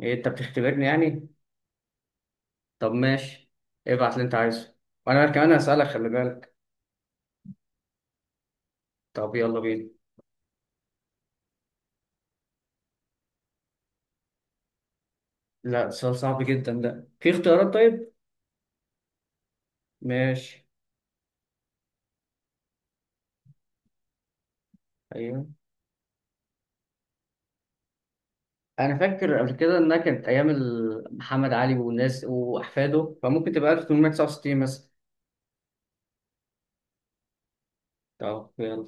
ايه انت بتختبرني يعني. طب ماشي، ابعت اللي انت عايزه وانا كمان هسألك، خلي بالك. طب يلا بينا. لا، سؤال صعب جدا ده، في اختيارات؟ طيب ماشي. ايوه. انا فاكر قبل كده انها كانت ايام محمد علي والناس واحفاده، فممكن تبقى 1869 مثلا. طب يلا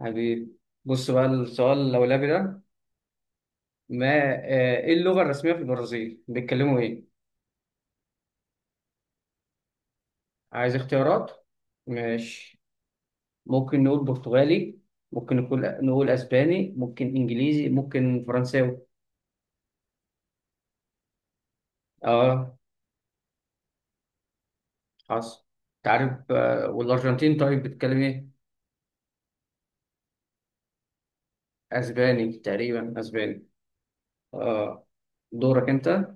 حبيبي. بص بقى السؤال اللولبي ده. ما ايه اللغة الرسمية في البرازيل، بيتكلموا ايه؟ عايز اختيارات. ماشي. ممكن نقول برتغالي، ممكن نقول اسباني، ممكن انجليزي، ممكن فرنساوي. اه حصل. تعرف والارجنتين طيب بتتكلم ايه؟ اسباني، تقريبا اسباني. اه. دورك انت.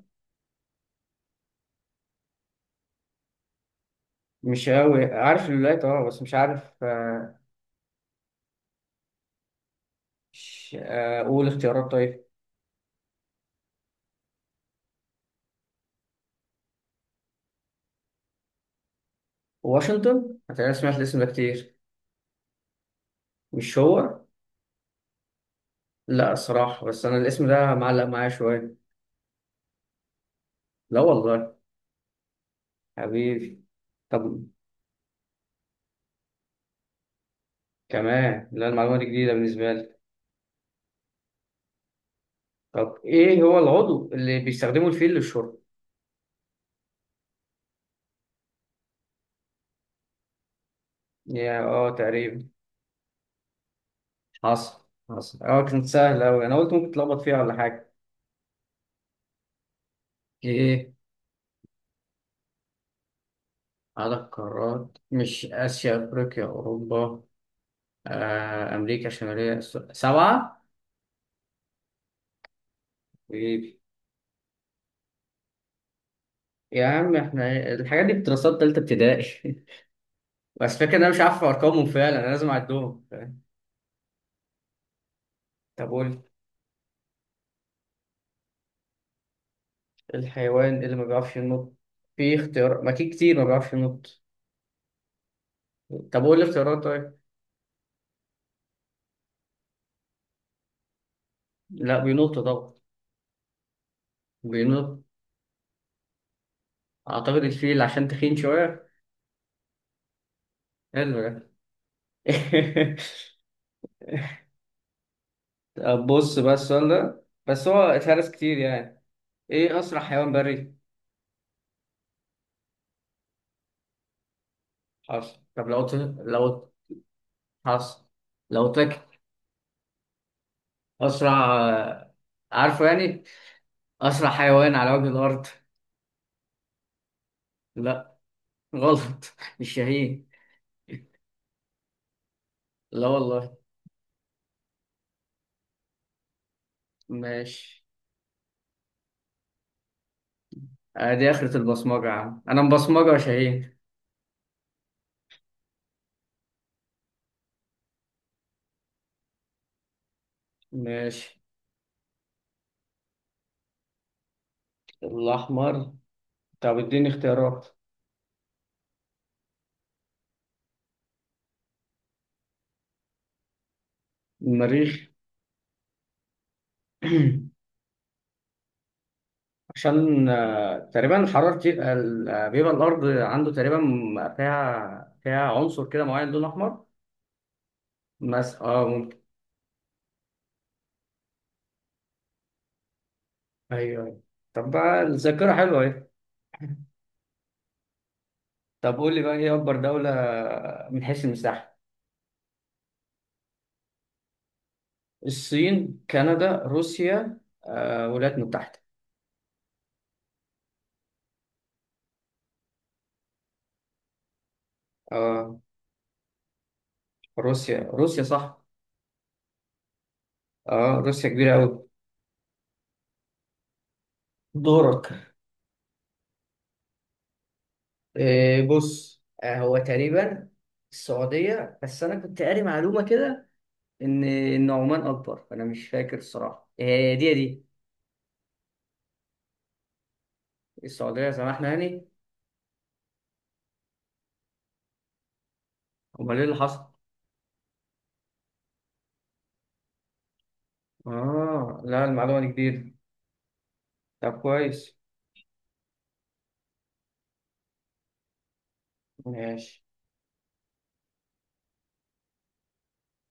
مش قوي عارف الولايات، اه، بس مش عارف مش قول اختيارات طيب. واشنطن، انا سمعت الاسم ده كتير. مش هو؟ لا الصراحة، بس انا الاسم ده معلق معايا شوية. لا والله. حبيبي. طب كمان، لا المعلومة دي جديدة بالنسبة لي. طب إيه هو العضو اللي بيستخدمه الفيل للشرب؟ يا تقريبا. حصل حصل. كانت سهلة أوي، أنا قلت ممكن تلخبط فيها ولا حاجة. ايه عدد قارات؟ مش اسيا، افريقيا، اوروبا، امريكا الشماليه، سبعه. حبيبي. يا عم إحنا الحاجات دي بدراسات تالتة ابتدائي. بس فكرة إن أنا مش عارف أرقامهم فعلا، أنا لازم أعدهم، فاهم؟ طب قول. الحيوان اللي ما بيعرفش ينط؟ في اختيار؟ ما في كتير ما بيعرفش ينط. طب قول الاختيارات طيب. لا بينط طبعا. بينط. أعتقد الفيل عشان تخين شوية. حلو ده. طب بص بقى السؤال ده، بس هو اتهرس كتير يعني. إيه أسرع حيوان بري؟ حصل. طب لو حصل. لو قلت لك أسرع عارفه يعني. أسرع حيوان على وجه الأرض؟ لا. غلط. مش شاهين؟ لا والله. ماشي. دي آخرة البصمجة يا عم، أنا مبصمجة يا شاهين. ماشي. الأحمر. طب اديني اختيارات. المريخ. عشان تقريبا حرارة. بيبقى الأرض عنده تقريبا فيها عنصر كده معين لون أحمر. بس اه ممكن. أيوه أيوه. طب بقى الذاكرة حلوة اهي. طب قول لي بقى، إيه أكبر دولة من حيث المساحة؟ الصين، كندا، روسيا، الولايات المتحدة. اه روسيا. روسيا صح. اه، روسيا كبيرة أوي. دورك. إيه بص، هو تقريبا السعودية، بس أنا كنت قاري معلومة كده ان عمان اكبر، فانا مش فاكر الصراحه، هي دي. السعوديه، سمحنا يعني. امال ايه اللي حصل؟ اه لا، المعلومه دي جديده. طب كويس. ماشي.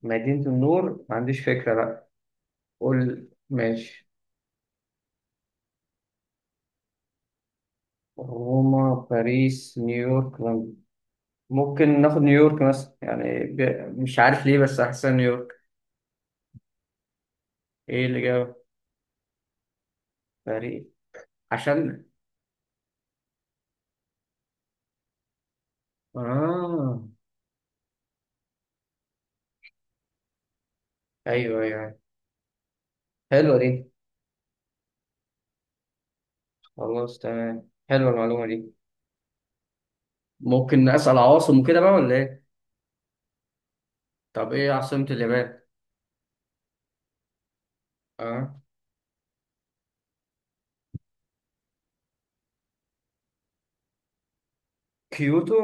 مدينه النور؟ ما عنديش فكره بقى. قول. ماشي. روما، باريس، نيويورك، لندن. ممكن ناخد نيويورك مثلا يعني مش عارف ليه، بس احسن نيويورك. ايه اللي جاب؟ باريس. عشان. اه ايوه، ايوه أيوه. حلوه دي. خلاص تمام، حلوه المعلومه دي. ممكن اسال عواصم وكده بقى ولا ايه؟ طب ايه عاصمة اليابان؟ اه. كيوتو؟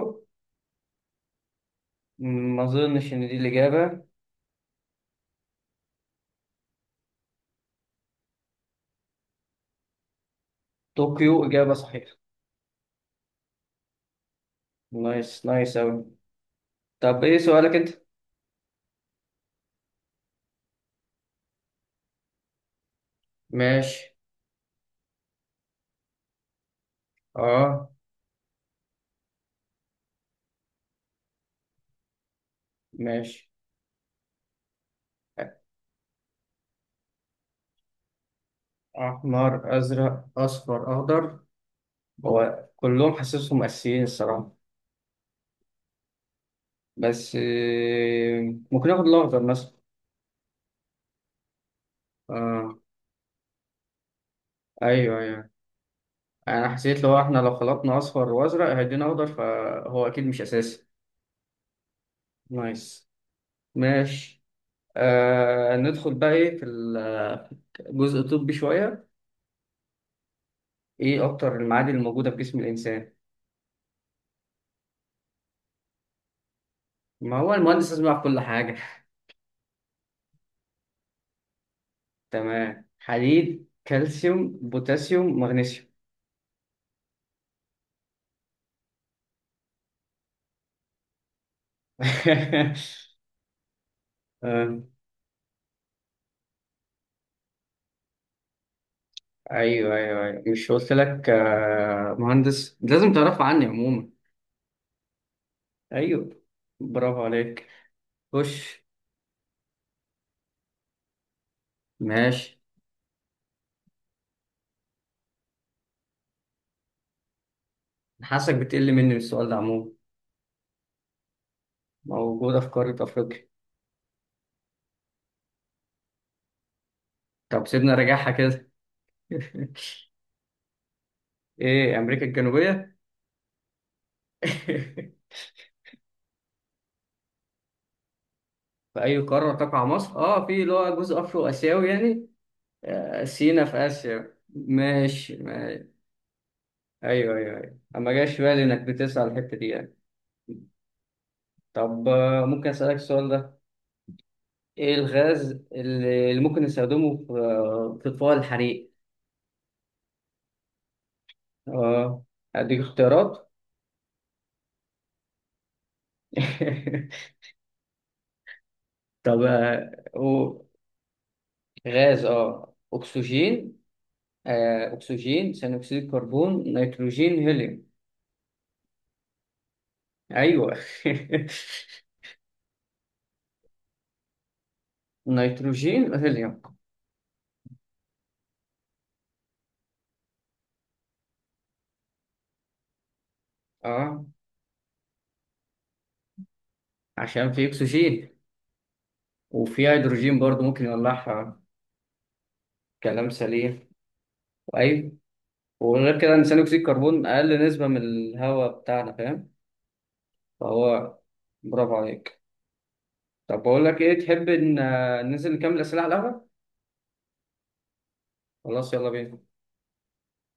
م، ما اظنش ان دي الاجابة. طوكيو اجابة صحيحة. نايس، نايس اوي. طب ايه سؤالك انت؟ ماشي. اه. ماشي. احمر، ازرق، اصفر، اخضر. هو كلهم حاسسهم اساسيين الصراحة. بس ممكن اخد الاخضر مثلا. اه. ايوه ايوه. انا حسيت لو احنا لو خلطنا اصفر وازرق هيدينا اخضر، فهو اكيد مش اساسي. نايس. ماشي. ندخل بقى ايه في في الجزء الطبي شوية. ايه اكتر المعادن الموجودة في جسم الانسان؟ ما هو المهندس لازم يعرف كل حاجة. تمام، حديد، كالسيوم، بوتاسيوم، مغنيسيوم. آه. ايوه ايوه ايوه. مش قلت لك مهندس لازم تعرف عني عموما؟ ايوه. برافو عليك. خش. ماشي. حاسك بتقل مني من السؤال ده عموما. موجودة في قارة افريقيا. طب سيبنا راجعها كده. ايه، امريكا الجنوبية؟ في أي قارة تقع مصر؟ آه، في اللي هو جزء أفرو آسيوي يعني. آه، سينا في آسيا. ماشي، ماشي. أيوه أيوه أيوه، أما جاش في بالي إنك بتسأل الحتة دي يعني. طب ممكن أسألك السؤال ده. إيه الغاز اللي ممكن نستخدمه في إطفاء الحريق؟ آه. أديك اختيارات. طب و- غاز أكسجين. آه، أكسجين، ثاني أكسيد الكربون، نيتروجين، هيليوم. أيوه. نيتروجين هيليوم. اه عشان في اكسجين، وفي هيدروجين برضو ممكن يولعها. كلام سليم. ايوه. وغير كده ان ثاني اكسيد الكربون اقل نسبه من الهواء بتاعنا، فاهم؟ فهو. برافو عليك. طب بقول لك ايه، تحب ان ننزل نكمل اسئله على القهوه؟ خلاص يلا بينا.